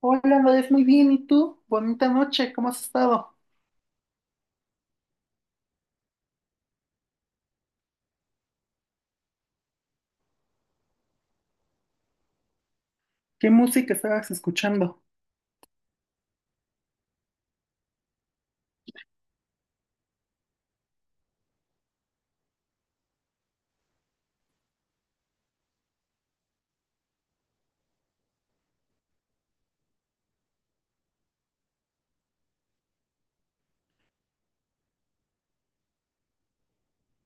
Hola, Andrés, muy bien. ¿Y tú? Bonita noche, ¿cómo has estado? ¿Qué música estabas escuchando?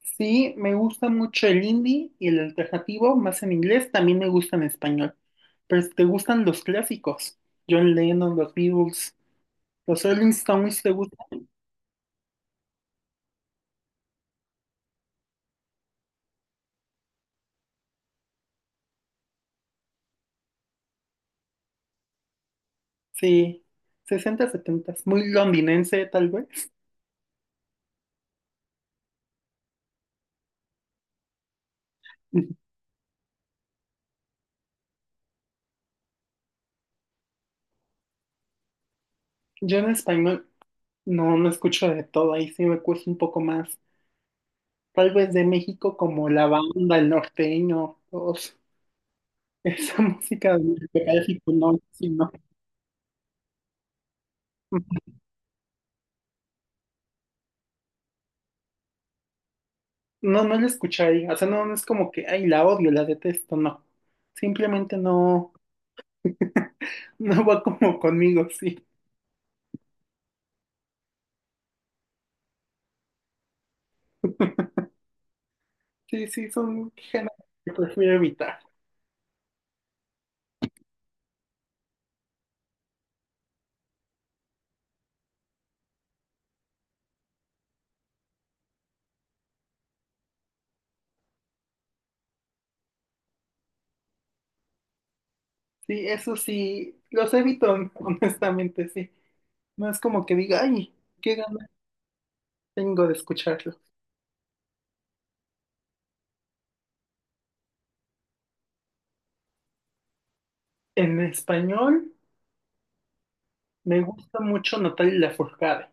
Sí, me gusta mucho el indie y el alternativo, más en inglés, también me gusta en español. Pero si ¿te gustan los clásicos? John Lennon, los Beatles, los Rolling Stones, ¿te gustan? Sí, 60, 70, muy londinense tal vez. Yo en español no, no escucho de todo, ahí sí me cuesta un poco más. Tal vez de México como la banda, el norteño, todos. Esa música de Callejito, no, sí, no. No, no la escucharía. O sea, no, no es como que, ay, la odio, la detesto, no. Simplemente no, no va como conmigo, sí. Sí, sí, son géneros que prefiero evitar. Sí, eso sí, los evito, honestamente, sí. No es como que diga, ay, qué ganas tengo de escucharlo. En español me gusta mucho Natalia Lafourcade.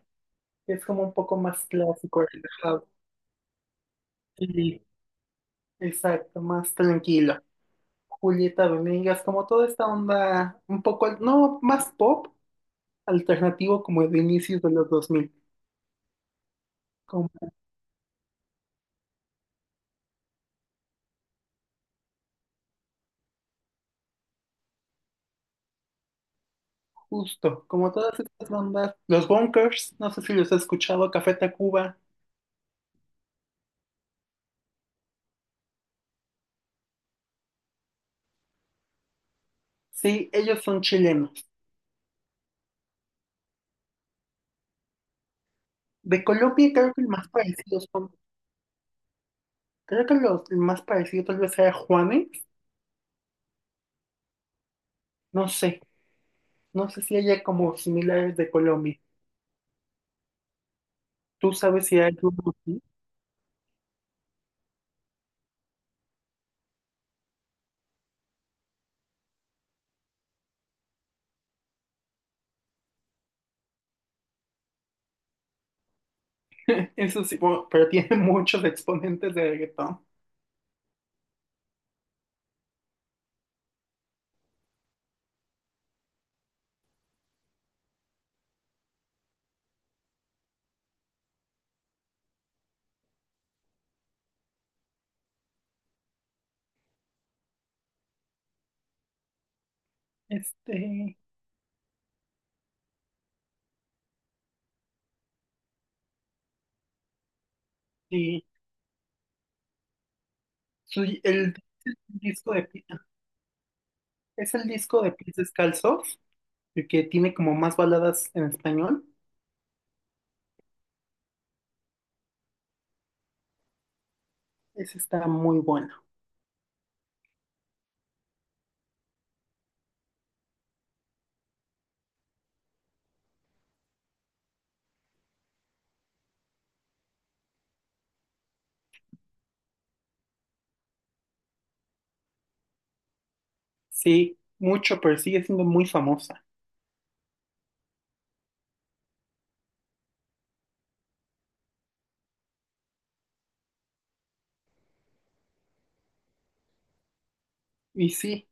Es como un poco más clásico, relajado. Sí, exacto, más tranquilo. Julieta Venegas, como toda esta onda un poco, no, más pop, alternativo como de inicios de los 2000, como justo, como todas estas bandas, los Bunkers, no sé si los has escuchado, Café Tacuba, sí, ellos son chilenos. De Colombia creo que el más parecido son, el más parecido tal vez sea Juanes, no sé, no sé si haya como similares de Colombia. ¿Tú sabes si hay alguno así? Eso sí, bueno, pero tiene muchos exponentes de reggaetón. Este, sí. Su- el disco de, Pi- es el disco de Pies Descalzos, el que tiene como más baladas en español. Ese está muy bueno. Sí, mucho, pero sigue siendo muy famosa. Y sí,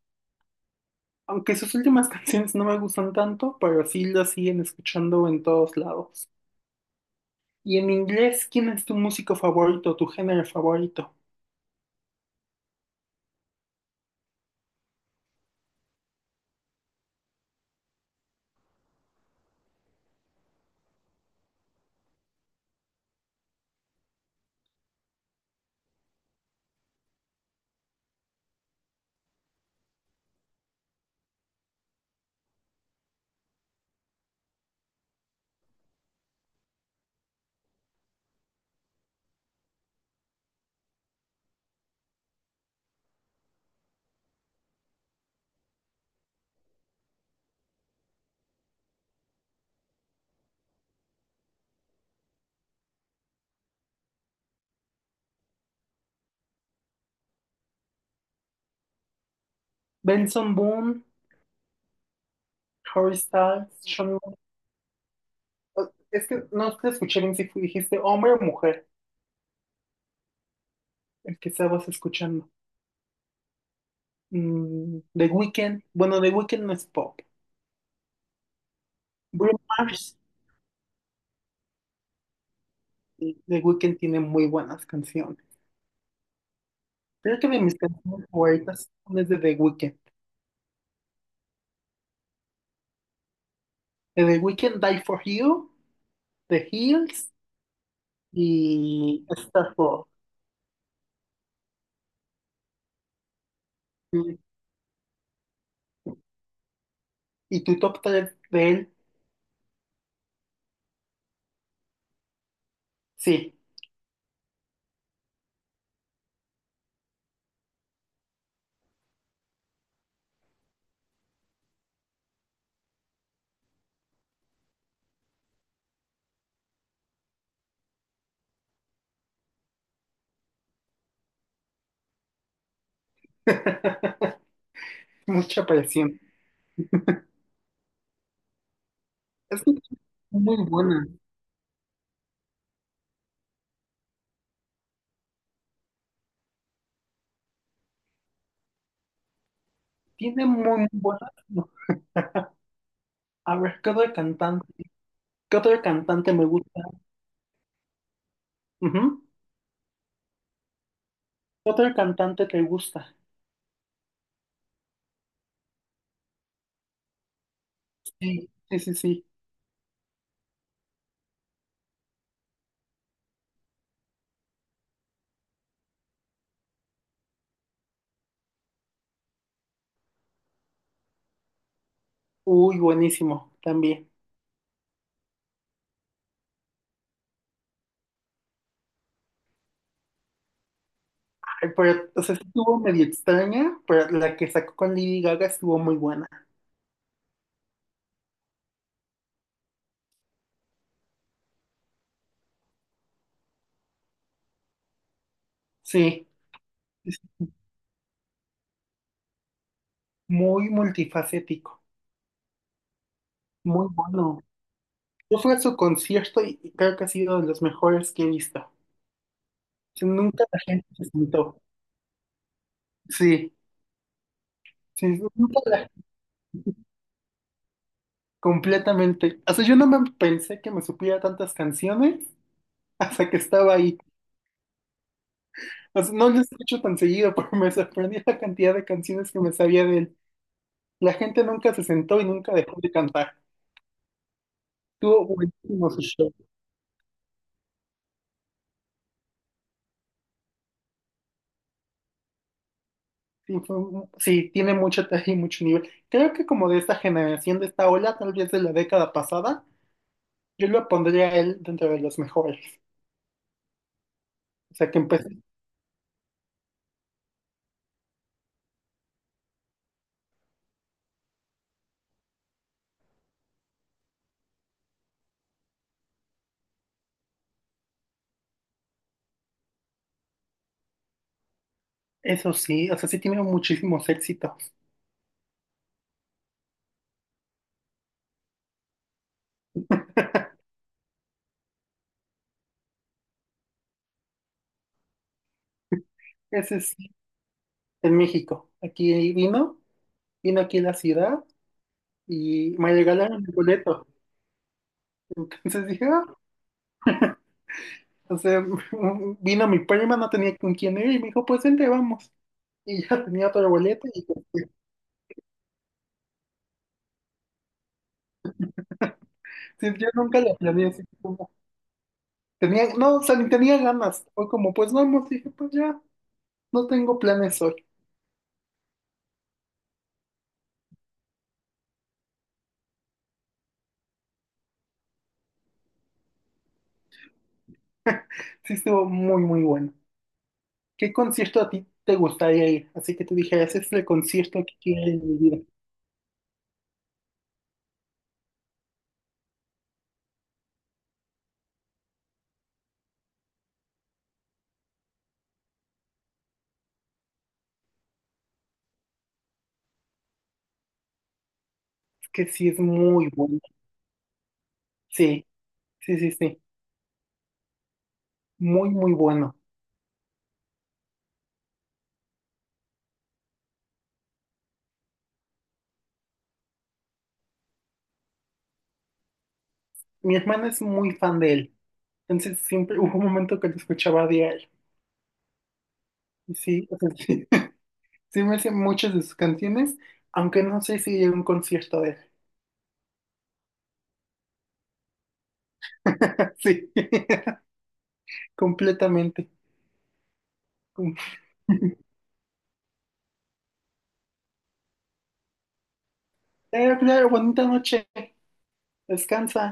aunque sus últimas canciones no me gustan tanto, pero sí las siguen escuchando en todos lados. Y en inglés, ¿quién es tu músico favorito, tu género favorito? Benson Boone, Harry Styles, Shawn Mendes. Es que no te escuché bien si dijiste hombre o mujer, el que estabas escuchando. The Weeknd, bueno, The Weeknd no es pop. Bruno Mars, sí, The Weeknd tiene muy buenas canciones. Creo que de mis canciones favoritas son las de The Weeknd. De The Weeknd, Die for You, The Hills y Starfall. Y, y tu top 3 de él, sí. Mucha presión. Es que es muy buena. Tiene muy, muy buenas. No. A ver, ¿qué otro cantante? ¿Qué otro cantante me gusta? Ujú. ¿Qué otro cantante te gusta? Sí, sí, sí. Sí. Uy, buenísimo, también. Ay, pero, o sea, sí estuvo medio extraña, pero la que sacó con Lady Gaga estuvo muy buena. Sí, es muy multifacético, muy bueno. Yo fui a su concierto y creo que ha sido de los mejores que he visto. O sea, nunca la gente se sentó. Sí, sí, nunca la- completamente. O sea, yo no me pensé que me supiera tantas canciones hasta que estaba ahí. O sea, no lo escucho tan seguido, pero me sorprendió la cantidad de canciones que me sabía de él. La gente nunca se sentó y nunca dejó de cantar. Estuvo buenísimo su show. Sí, sí, tiene mucho talento y mucho nivel. Creo que como de esta generación, de esta ola, tal vez de la década pasada, yo lo pondría a él dentro de los mejores. O sea, que empezó. Eso sí, o sea, sí tiene muchísimos éxitos. Ese sí, en México. Aquí vino aquí a la ciudad y me regalaron el boleto. Entonces dije, ah, o sea, vino mi prima, no tenía con quién ir y me dijo, pues vente, vamos. Y ya tenía otro boleto y este, sí, yo nunca la planeé así como. Tenía, no, o sea, ni tenía ganas. Fue como, pues vamos, dije, pues ya, no tengo planes hoy. Sí, estuvo muy, muy bueno. ¿Qué concierto a ti te gustaría ir? Así que tú dijeras, "Ese es el concierto que quiero ir en mi vida. Es que sí, es muy bueno. Sí, sí, sí, sí. Muy, muy bueno. Mi hermana es muy fan de él. Entonces siempre hubo un momento que lo escuchaba diario. Y sí, o sea, sí, sí me sé muchas de sus canciones, aunque no sé si iría a un concierto de él. Sí, completamente. Como, claro, bonita noche, descansa.